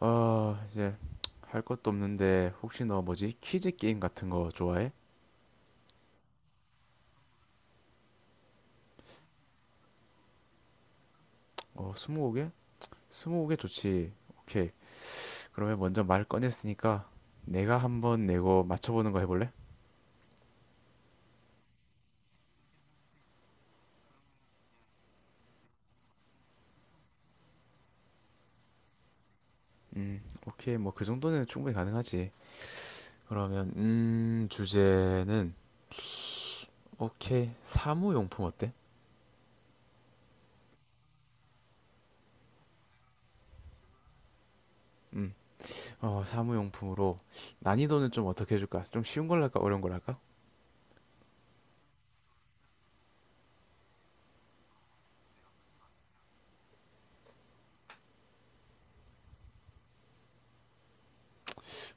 아, 이제 할 것도 없는데 혹시 너 뭐지? 퀴즈 게임 같은 거 좋아해? 어, 스무고개? 스무고개 좋지. 오케이. 그러면 먼저 말 꺼냈으니까 내가 한번 내고 맞춰보는 거 해볼래? 오케이. 뭐 그 정도는 충분히 가능하지. 그러면 주제는 오케이. 사무용품 어때? 음, 어, 사무용품으로 난이도는 좀 어떻게 해줄까? 좀 쉬운 걸로 할까? 어려운 걸로 할까?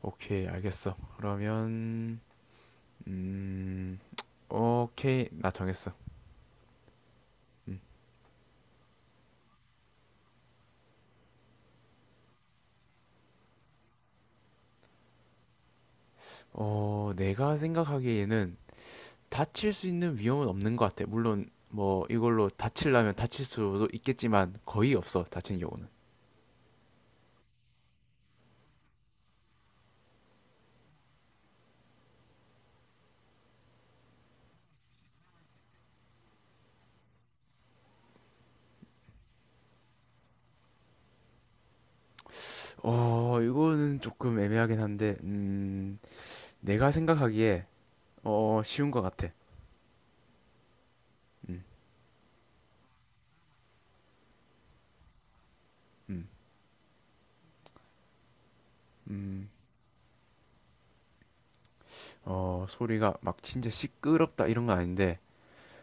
오케이, 알겠어. 그러면 음, 오케이. 나 정했어. 어, 내가 생각하기에는 다칠 수 있는 위험은 없는 것 같아. 물론 뭐 이걸로 다치려면 다칠 수도 있겠지만 거의 없어, 다친 경우는. 어, 이거는 조금 애매하긴 한데, 내가 생각하기에 어, 쉬운 것 같아. 음, 음, 어, 소리가 막 진짜 시끄럽다 이런 건 아닌데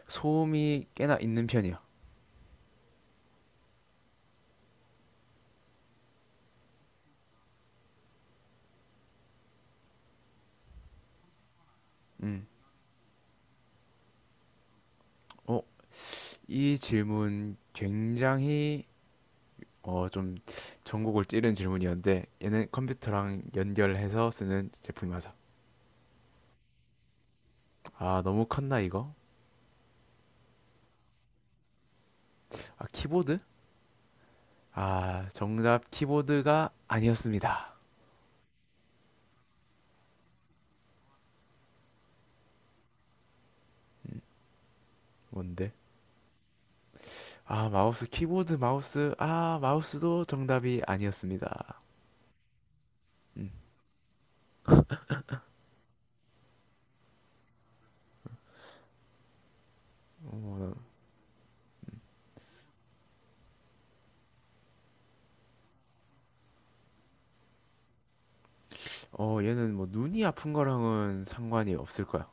소음이 꽤나 있는 편이야. 음, 어, 이 질문 굉장히 어, 좀 전곡을 찌른 질문이었는데 얘는 컴퓨터랑 연결해서 쓰는 제품이 맞아. 아, 너무 컸나 이거? 아, 키보드? 아, 정답 키보드가 아니었습니다. 뭔데? 아, 마우스, 키보드, 마우스. 아, 마우스도 정답이 아니었습니다. 음, 어, 어, 얘는 뭐 눈이 아픈 거랑은 상관이 없을 거야.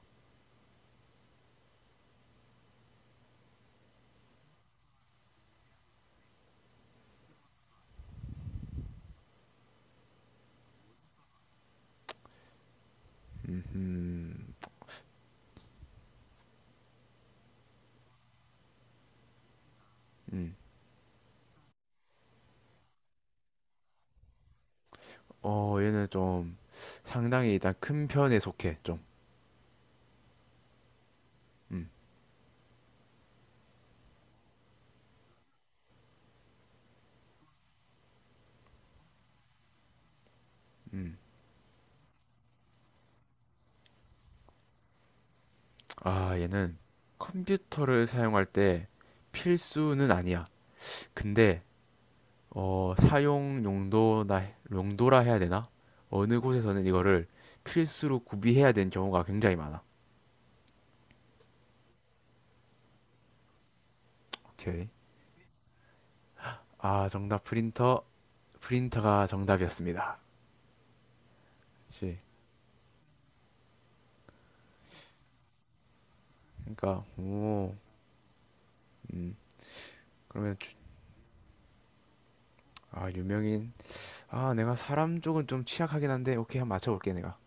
음, 음, 음. 어, 얘는 좀 상당히 일단 큰 편에 속해, 좀. 음, 음. 아, 얘는 컴퓨터를 사용할 때 필수는 아니야. 근데 어, 사용 용도나 용도라 해야 되나? 어느 곳에서는 이거를 필수로 구비해야 되는 경우가 굉장히 많아. 오케이. 아, 정답 프린터. 프린터가 정답이었습니다. 그렇지. 그러니까 오, 음. 그러면 주- 아, 유명인. 아, 내가 사람 쪽은 좀 취약하긴 한데 오케이 한번 맞춰볼게 내가.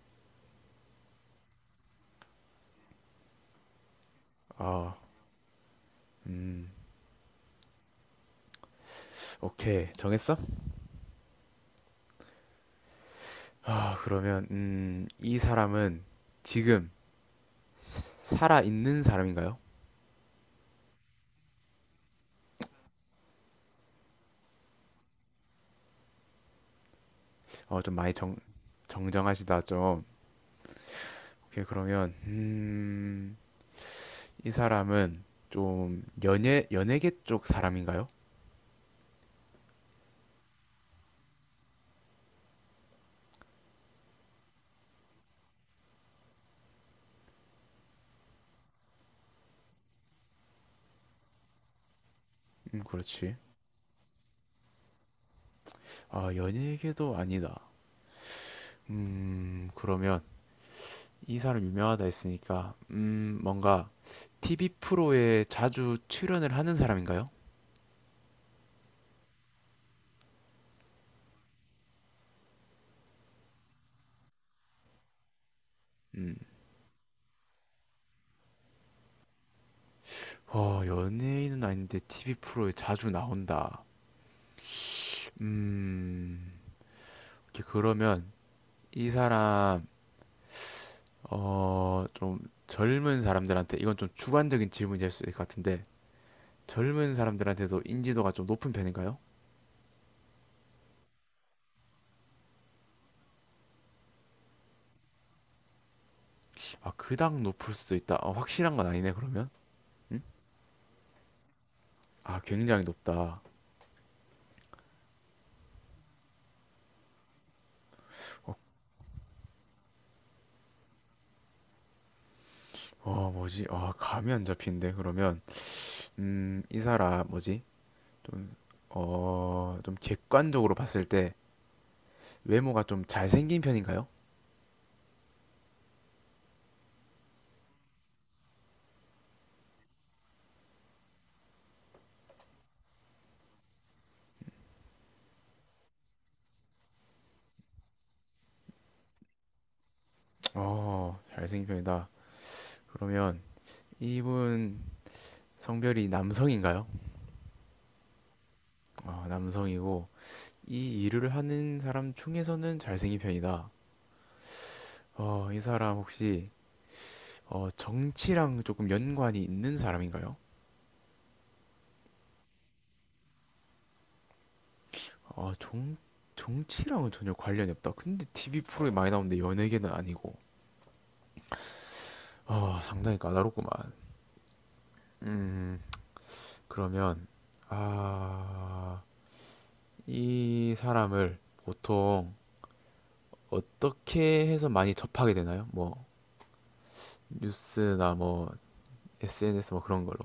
아, 음. 오케이. 정했어? 아, 그러면 이 사람은 지금 살아 있는 사람인가요? 어, 좀 많이 정, 정정하시다 좀. 오케이, 그러면 이 사람은 좀 연예계 쪽 사람인가요? 그렇지. 아, 연예계도 아니다. 그러면 이 사람 유명하다 했으니까 뭔가 TV 프로에 자주 출연을 하는 사람인가요? 음. 어, 연예인은 아닌데 TV 프로에 자주 나온다. 음. 이렇게 그러면 이 사람 어 좀 젊은 사람들한테 이건 좀 주관적인 질문이 될 수 있을 것 같은데 젊은 사람들한테도 인지도가 좀 높은 편인가요? 아 그닥 높을 수도 있다. 어, 확실한 건 아니네 그러면? 응? 아 굉장히 높다. 어, 어, 뭐지? 아 감이 안 잡히는데 그러면 이 사람 뭐지? 좀 어 좀 객관적으로 봤을 때 외모가 좀 잘생긴 편인가요? 어 잘생긴 편이다. 그러면 이분 성별이 남성인가요? 어, 남성이고 이 일을 하는 사람 중에서는 잘생긴 편이다. 어, 이 사람 혹시 어, 정치랑 조금 연관이 있는 사람인가요? 어, 정, 정치랑은 전혀 관련이 없다. 근데 TV 프로에 많이 나오는데 연예계는 아니고. 어, 상당히 까다롭구만. 음, 그러면 아, 이 사람을 보통 어떻게 해서 많이 접하게 되나요? 뭐 뉴스나 뭐 SNS 뭐 그런 걸로.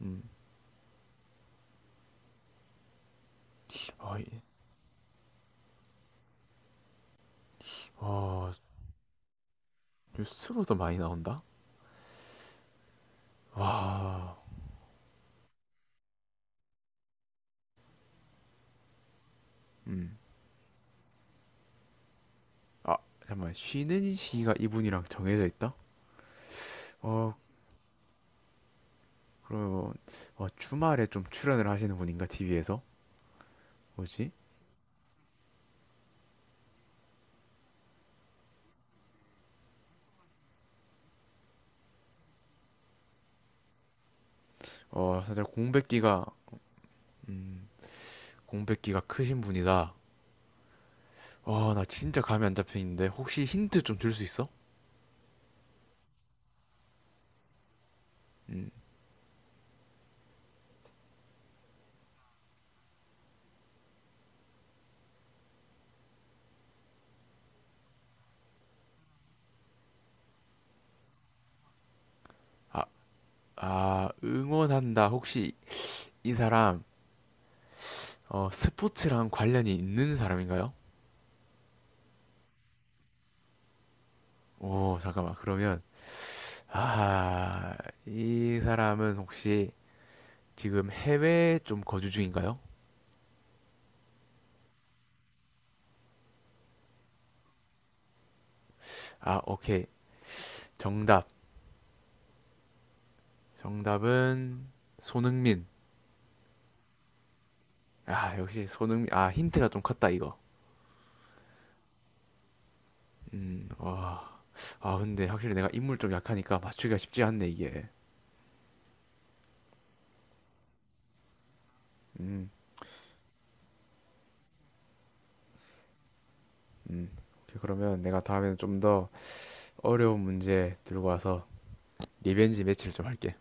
음. 어, 아, 뉴스로도 많이 나온다? 와, 음. 아, 잠깐만. 쉬는 시기가 이분이랑 정해져 있다? 어, 그러면, 어, 주말에 좀 출연을 하시는 분인가, TV에서? 뭐지? 어, 사실 공백기가, 음, 공백기가 크신 분이다. 와, 나 진짜 감이 안 잡히는데, 혹시 힌트 좀 줄 수 있어? 음, 아, 아, 응원한다. 혹시 이 사람, 어, 스포츠랑 관련이 있는 사람인가요? 오, 잠깐만. 그러면, 아, 이 사람은 혹시 지금 해외에 좀 거주 중인가요? 아, 오케이. 정답. 정답은 손흥민. 아, 역시 손흥민. 아, 힌트가 좀 컸다, 이거. 와. 아, 근데 확실히 내가 인물 좀 약하니까 맞추기가 쉽지 않네, 이게. 음, 음. 오케이, 그러면 내가 다음에는 좀 더 어려운 문제 들고 와서 리벤지 매치를 좀 할게.